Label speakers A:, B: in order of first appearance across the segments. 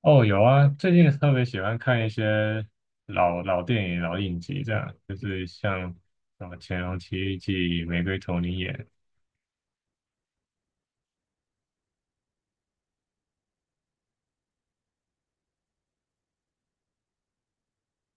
A: 哦，有啊，最近特别喜欢看一些老电影、老影集，这样就是像什么《乾隆奇遇记》《玫瑰童林演》。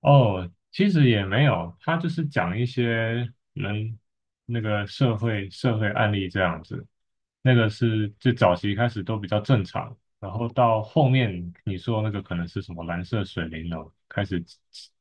A: 哦，其实也没有，他就是讲一些人那个社会案例这样子。那个是最早期开始都比较正常，然后到后面你说那个可能是什么蓝色水灵楼，开始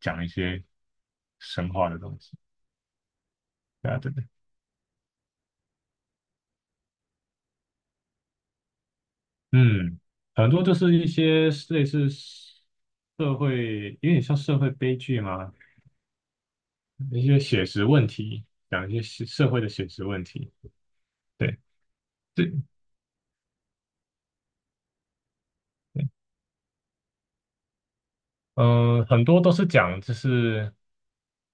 A: 讲一些神话的东西。对啊。嗯，很多就是一些类似社会，有点像社会悲剧嘛，一些写实问题，讲一些社会的写实问题。对对对。嗯，很多都是讲就是，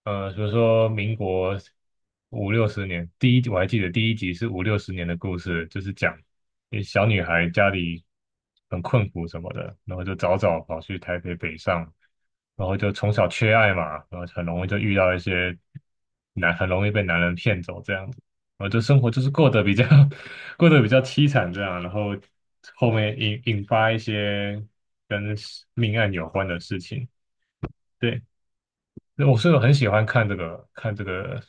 A: 比如说民国五六十年，第一集我还记得第一集是五六十年的故事，就是讲一小女孩家里很困苦什么的，然后就早早跑去台北北上，然后就从小缺爱嘛，然后很容易就遇到一些男，很容易被男人骗走这样子，然后就生活就是过得比较 过得比较凄惨这样，然后后面引发一些跟命案有关的事情。对，那我是很喜欢看这个看这个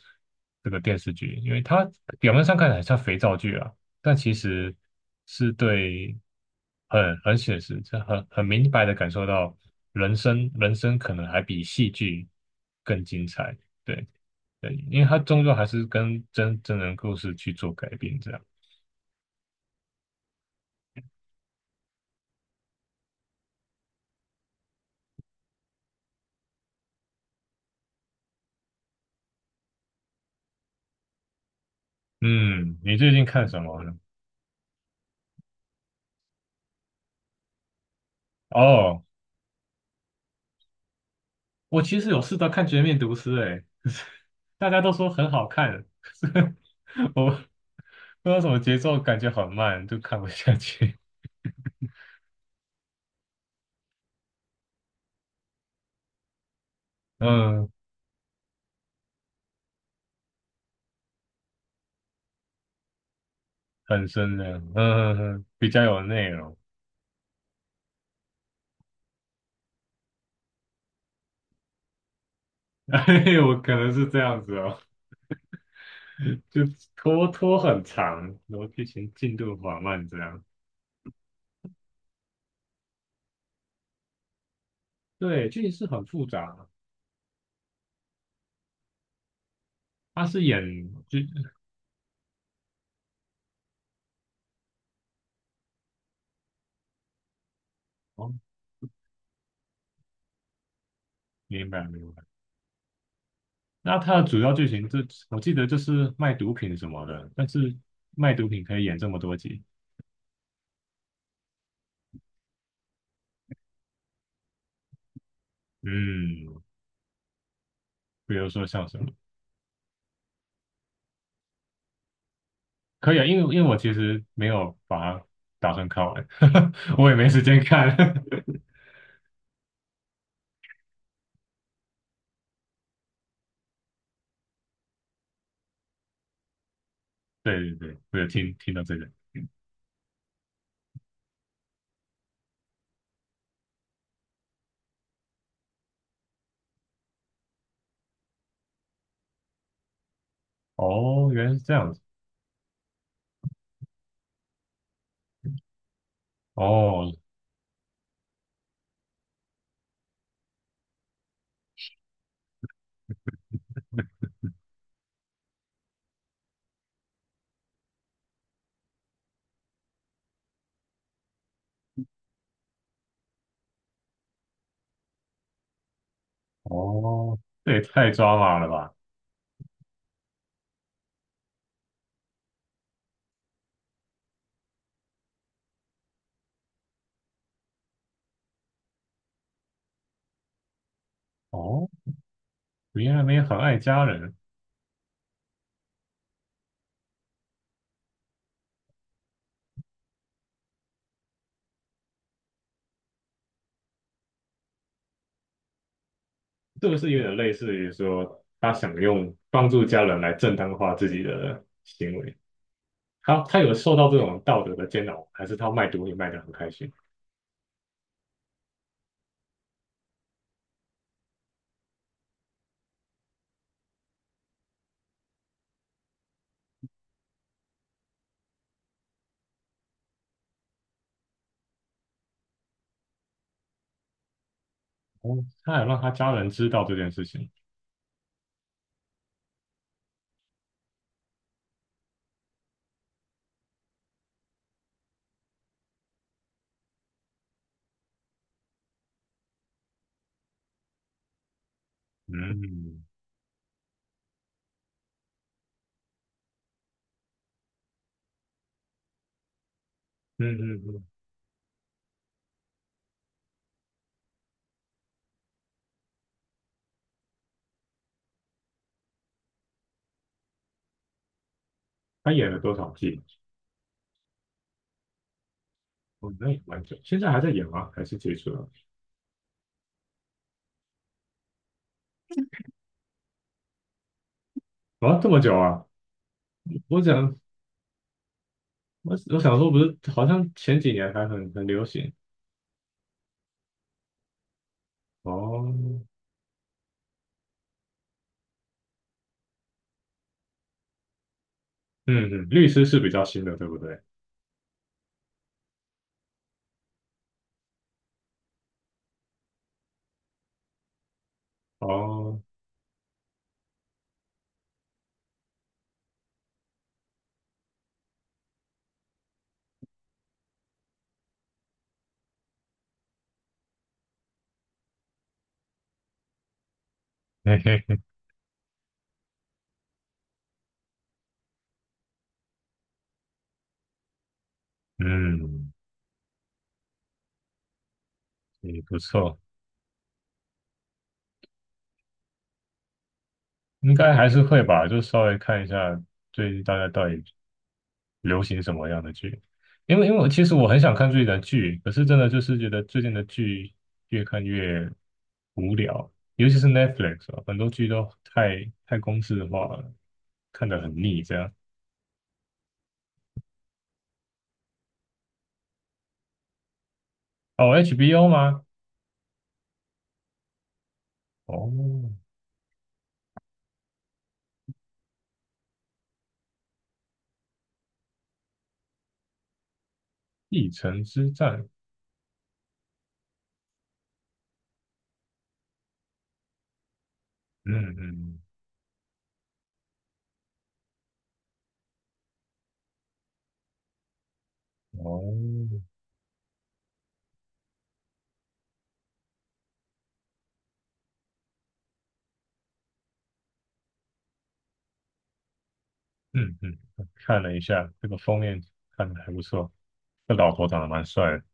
A: 这个电视剧，因为它表面上看起来像肥皂剧啊，但其实是对很写实，这很明白的感受到人生可能还比戏剧更精彩。对对，因为它终究还是跟真人故事去做改编这样。嗯，你最近看什么呢？哦。我其实有试着看《绝命毒师》欸，可是大家都说很好看，可是我不知道什么节奏，感觉很慢，就看不下去。嗯，很深的。嗯，嗯嗯比较有内容。哎，我可能是这样子哦，就拖很长，然后剧情进度缓慢这样。对，剧情是很复杂，他是演就。哦，明白明白。那它的主要剧情就我记得就是卖毒品什么的，但是卖毒品可以演这么多集。嗯，比如说像什么，可以啊，因为我其实没有把它打算看完。我也没时间看。对对对，我有听到这个。哦，原来是这样子。哦哦，这也太抓马了吧。哦，原来没有很爱家人。这个是有点类似于说他想用帮助家人来正当化自己的行为。他有受到这种道德的煎熬，还是他卖毒也卖得很开心？哦，他有让他家人知道这件事情。嗯嗯嗯嗯，他演了多少季？哦，那也蛮久，现在还在演吗？还是结束了？啊，这么久啊！我想，我想说，不是，好像前几年还很流行。哦。嗯嗯，律师是比较新的，对不对？哦。嘿嘿嘿。嗯，也不错。应该还是会吧，就稍微看一下最近大家到底流行什么样的剧？因为我其实我很想看最近的剧，可是真的就是觉得最近的剧越看越无聊，尤其是 Netflix 啊，很多剧都太公式化了，看得很腻这样。哦，HBO 吗？哦，《继城之战》。嗯嗯。嗯哦。嗯嗯，看了一下这个封面，看的还不错，这老头长得蛮帅的。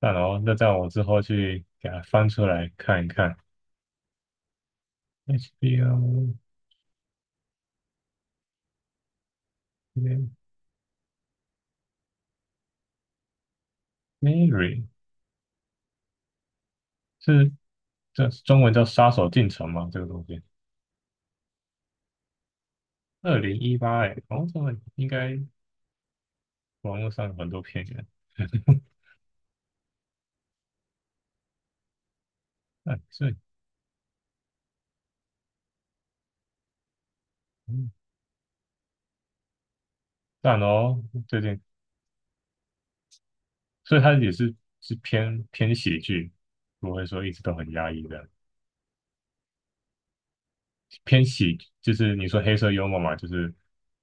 A: 那然后那这样我之后去给他翻出来看一看。HBO。 嗯 Mary 是这中文叫《杀手进城》吗？这个东西，2018哎。哦，这个应该网络上有很多片源。哎，所以嗯，赞哦，最近，所以它也是是偏喜剧，不会说一直都很压抑的，偏喜就是你说黑色幽默嘛，就是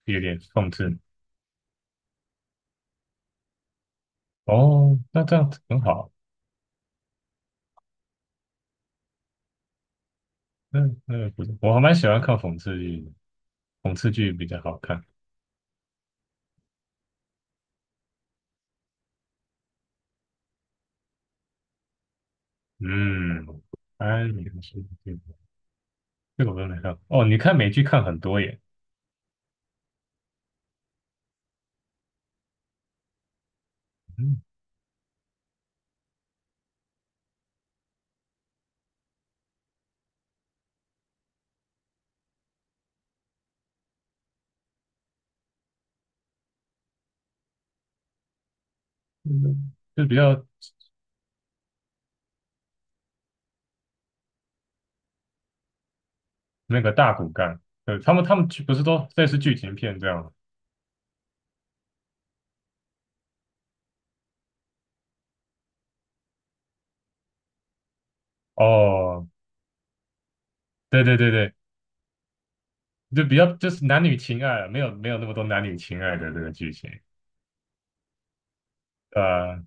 A: 有点讽刺。哦，那这样子很好。那那不是，我还蛮喜欢看讽刺剧的，讽刺剧比较好看。嗯，安利世界，这个，我都没看过。哦，你看美剧看很多耶。嗯。嗯就是比较那个大骨干。对，他们剧不是都类似剧情片这样吗？哦，对对对对，就比较就是男女情爱了没有那么多男女情爱的这个剧情。啊。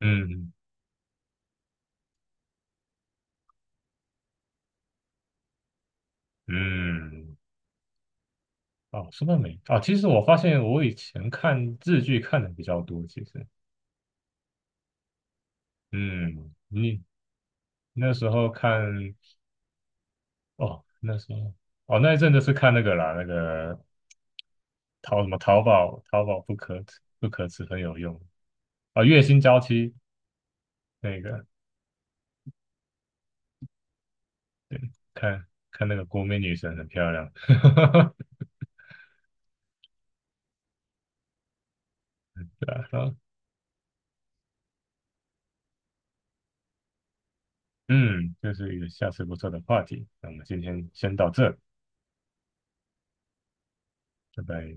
A: 嗯嗯。哦，说到美，哦，其实我发现我以前看日剧看的比较多，其实。嗯，你那时候看。哦，那时候，哦，那一阵就是看那个啦，那个淘什么淘宝，淘宝不可耻很有用啊，月薪娇妻那个，看看那个国民女神很漂亮。对啊，然后嗯，这是一个下次不错的话题，那我们今天先到这，拜拜。